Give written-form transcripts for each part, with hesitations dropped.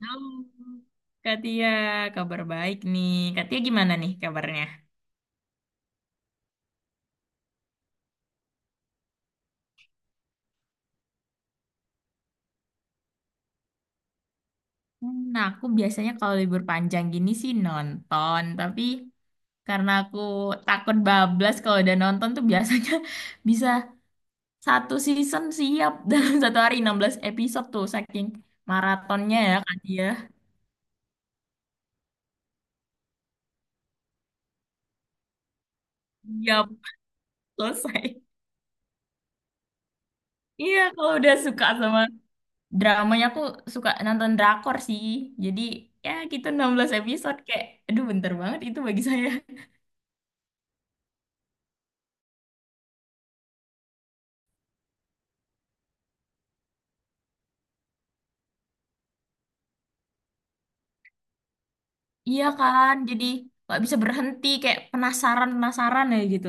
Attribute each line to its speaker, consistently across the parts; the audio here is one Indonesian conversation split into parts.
Speaker 1: Halo, Kak Tia, kabar baik nih. Kak Tia gimana nih kabarnya? Aku biasanya kalau libur panjang gini sih nonton, tapi karena aku takut bablas kalau udah nonton tuh biasanya bisa satu season siap dalam satu hari 16 episode tuh saking maratonnya ya Kak Tia. Siap, selesai. Iya, kalau udah suka sama dramanya aku suka nonton drakor sih. Jadi ya gitu 16 episode kayak aduh bentar banget itu bagi saya. Iya kan, jadi nggak bisa berhenti kayak penasaran-penasaran ya gitu.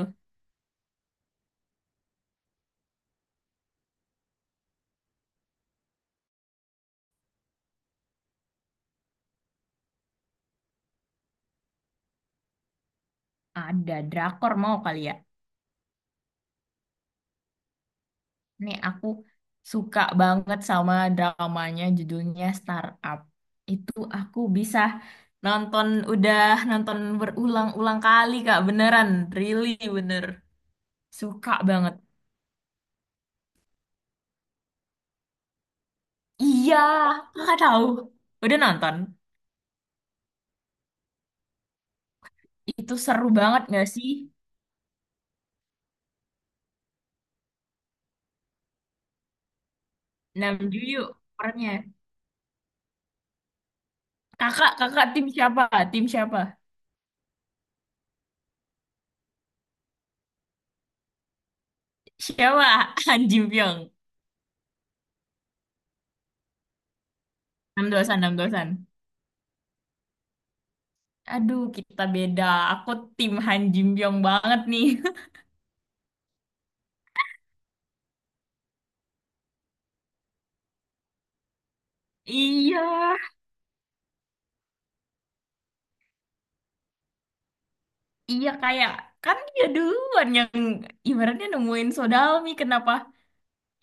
Speaker 1: Ada drakor mau kali ya. Nih aku suka banget sama dramanya judulnya Startup. Itu aku bisa nonton udah nonton berulang-ulang kali Kak, beneran, really bener. Suka banget. Iya, Kakak tahu. Udah nonton. Itu seru banget gak sih? Nam Ju yuk perannya. Kakak, kakak tim siapa? Tim siapa? Siapa? Han Ji Pyong. 6 dosan, 6 dosan. Aduh, kita beda. Aku tim Han Ji Pyong banget nih. Iya, iya, kan dia duluan yang ibaratnya nemuin Sodalmi. Kenapa?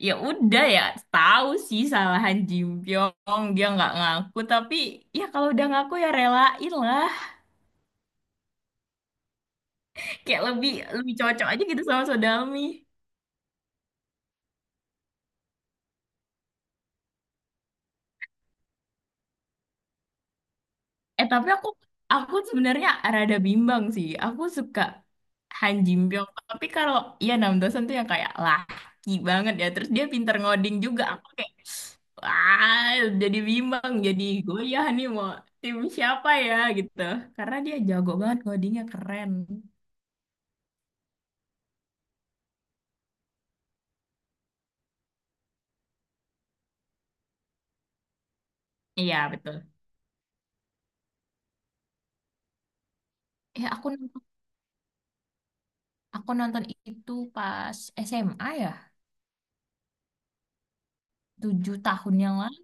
Speaker 1: Ya udah ya, tahu sih salah Han Ji Pyong. Dia nggak ngaku, tapi ya kalau udah ngaku ya relain lah. Kayak lebih lebih cocok aja gitu sama Sodalmi. Eh tapi aku sebenarnya rada bimbang sih. Aku suka Han Ji Pyong. Tapi kalau ya Nam Do San tuh yang kayak laki banget ya. Terus dia pinter ngoding juga. Aku kayak wah jadi bimbang. Jadi goyah nih mau tim siapa ya gitu. Karena dia jago banget ngodingnya keren. Iya betul. Eh aku nonton, aku nonton itu pas SMA ya. 7 tahun yang lalu.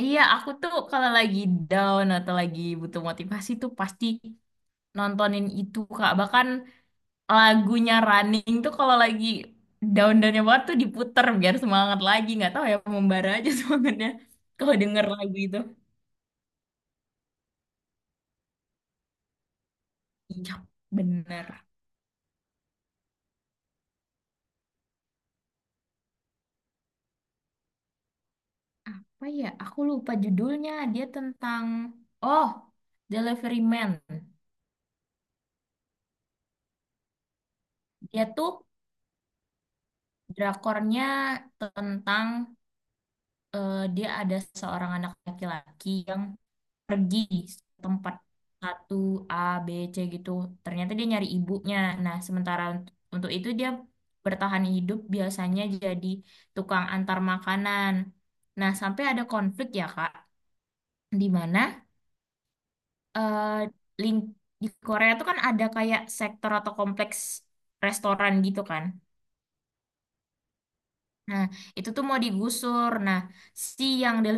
Speaker 1: Iya, aku tuh kalau lagi down atau lagi butuh motivasi tuh pasti nontonin itu Kak. Bahkan lagunya Running tuh kalau lagi down-downnya banget tuh diputer biar semangat lagi. Nggak tahu ya membara aja semangatnya kalau denger lagu itu. Iya, bener. Apa ya? Aku lupa judulnya. Dia tentang Oh, Delivery Man. Dia tuh drakornya tentang dia ada seorang anak laki-laki yang pergi tempat satu A B C gitu ternyata dia nyari ibunya nah sementara untuk itu dia bertahan hidup biasanya jadi tukang antar makanan nah sampai ada konflik ya Kak di mana eh, ling- di Korea tuh kan ada kayak sektor atau kompleks restoran gitu kan. Nah, itu tuh mau digusur. Nah, si yang Del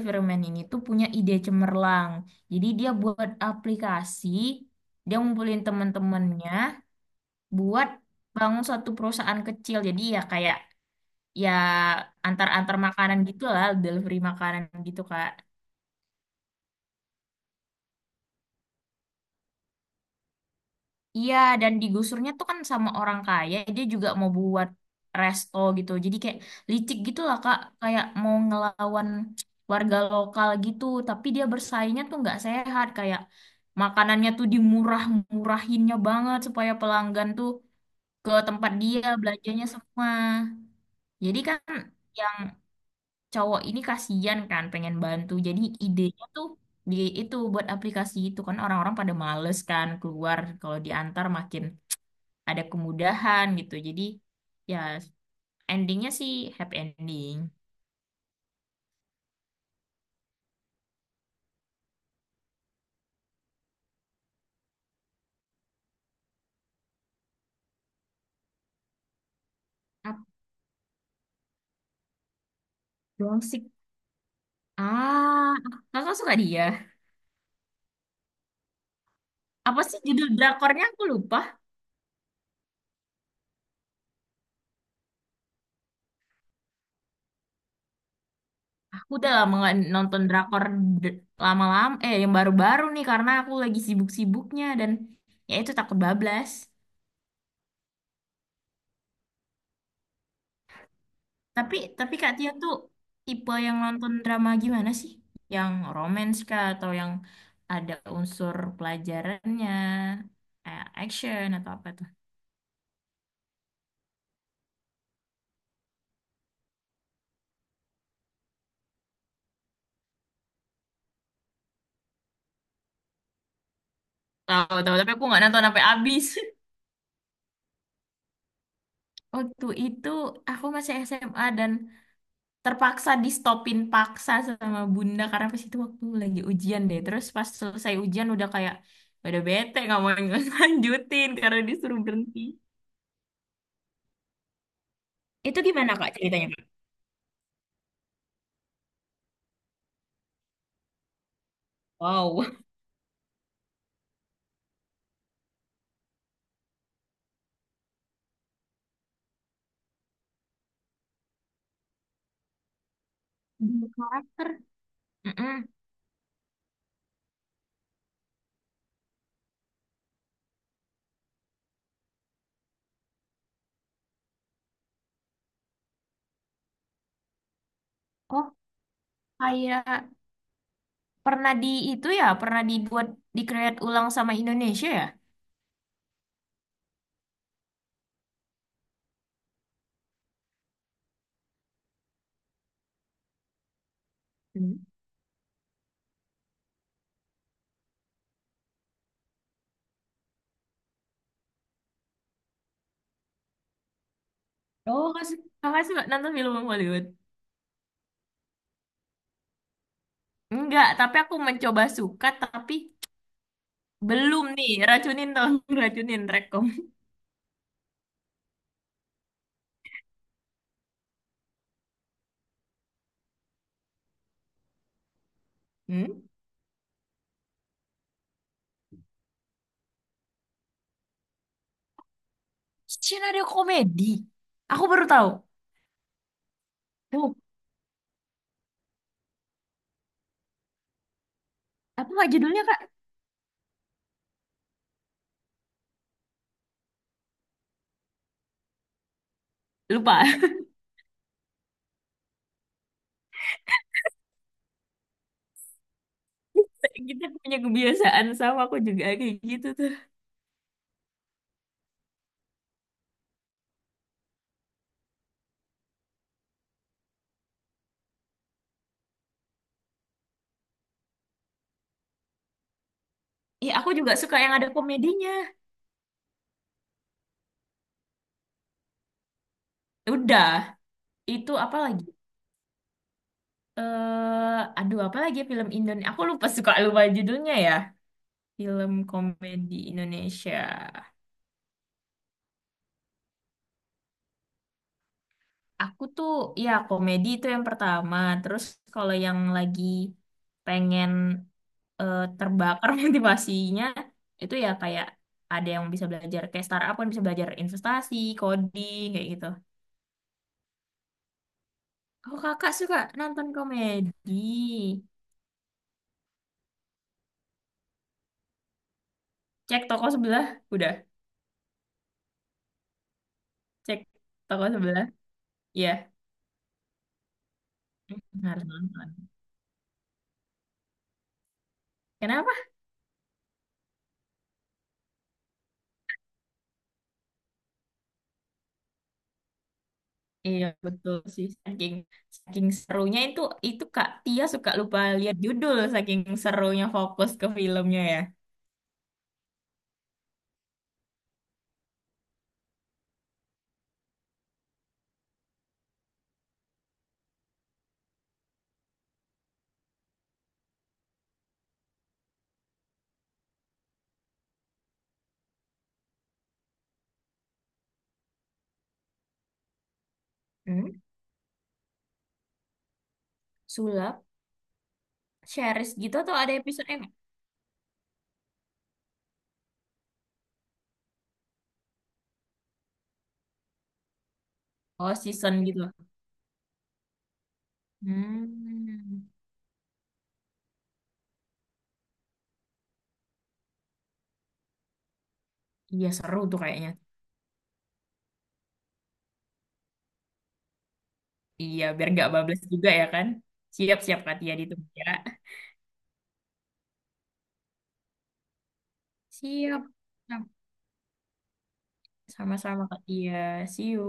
Speaker 1: ini tuh punya ide cemerlang. Jadi dia buat aplikasi, dia ngumpulin temen-temennya buat bangun suatu perusahaan kecil. Jadi ya kayak ya antar-antar makanan gitu lah, delivery makanan gitu, Kak. Iya, dan digusurnya tuh kan sama orang kaya, dia juga mau buat resto gitu. Jadi kayak licik gitu lah, Kak. Kayak mau ngelawan warga lokal gitu, tapi dia bersaingnya tuh nggak sehat. Kayak makanannya tuh dimurah-murahinnya banget supaya pelanggan tuh ke tempat dia belanjanya semua. Jadi kan yang cowok ini kasihan kan pengen bantu. Jadi idenya tuh di itu buat aplikasi itu kan orang-orang pada males kan keluar kalau diantar makin ada kemudahan gitu. Jadi ya endingnya sih happy ending. Apa doang sih? Ah, kakak suka dia. Apa sih judul drakornya? Aku lupa. Aku udah lama nggak nonton drakor lama-lama. Eh, yang baru-baru nih karena aku lagi sibuk-sibuknya dan ya itu takut bablas. Tapi Kak Tia tuh tipe yang nonton drama gimana sih? Yang romance kah atau yang ada unsur pelajarannya, action atau apa. Tahu tahu tapi aku nggak nonton sampai habis. Waktu itu aku masih SMA dan terpaksa di stopin paksa sama bunda karena pas itu waktu lagi ujian deh. Terus pas selesai ujian udah kayak udah bete nggak mau lanjutin karena disuruh berhenti. Itu gimana Kak ceritanya Kak? Wow. Dua karakter. Mm-mm. Oh kayak pernah di itu ya pernah dibuat di create ulang sama Indonesia ya? Hmm. Oh, Kak, Kakak suka nonton film Hollywood? Enggak, tapi aku mencoba suka, tapi belum nih. Racunin dong, racunin rekom. Hmm? Skenario komedi. Aku baru tahu. Tuh, apa nggak judulnya, Kak? Lupa. Kita punya kebiasaan sama aku juga kayak gitu tuh. Iya, aku juga suka yang ada komedinya. Udah, itu apa lagi? Apa lagi ya, film Indonesia? Aku lupa suka lupa judulnya ya. Film komedi Indonesia. Aku tuh ya komedi itu yang pertama. Terus kalau yang lagi pengen terbakar motivasinya itu ya kayak ada yang bisa belajar kayak startup kan bisa belajar investasi, coding kayak gitu. Oh kakak suka nonton komedi? Cek toko sebelah, udah. Cek toko sebelah, iya. Hmm, harus nonton. Kenapa? Iya betul sih saking saking serunya itu Kak Tia suka lupa lihat judul saking serunya fokus ke filmnya ya. Hmm? Sulap, series gitu atau ada episode ini? Oh, season gitu. Hmm. Iya, seru tuh kayaknya. Iya, biar gak bablas juga ya kan? Siap-siap Kak Tia ditunggu ya. Siap. Sama-sama Kak Tia. See you.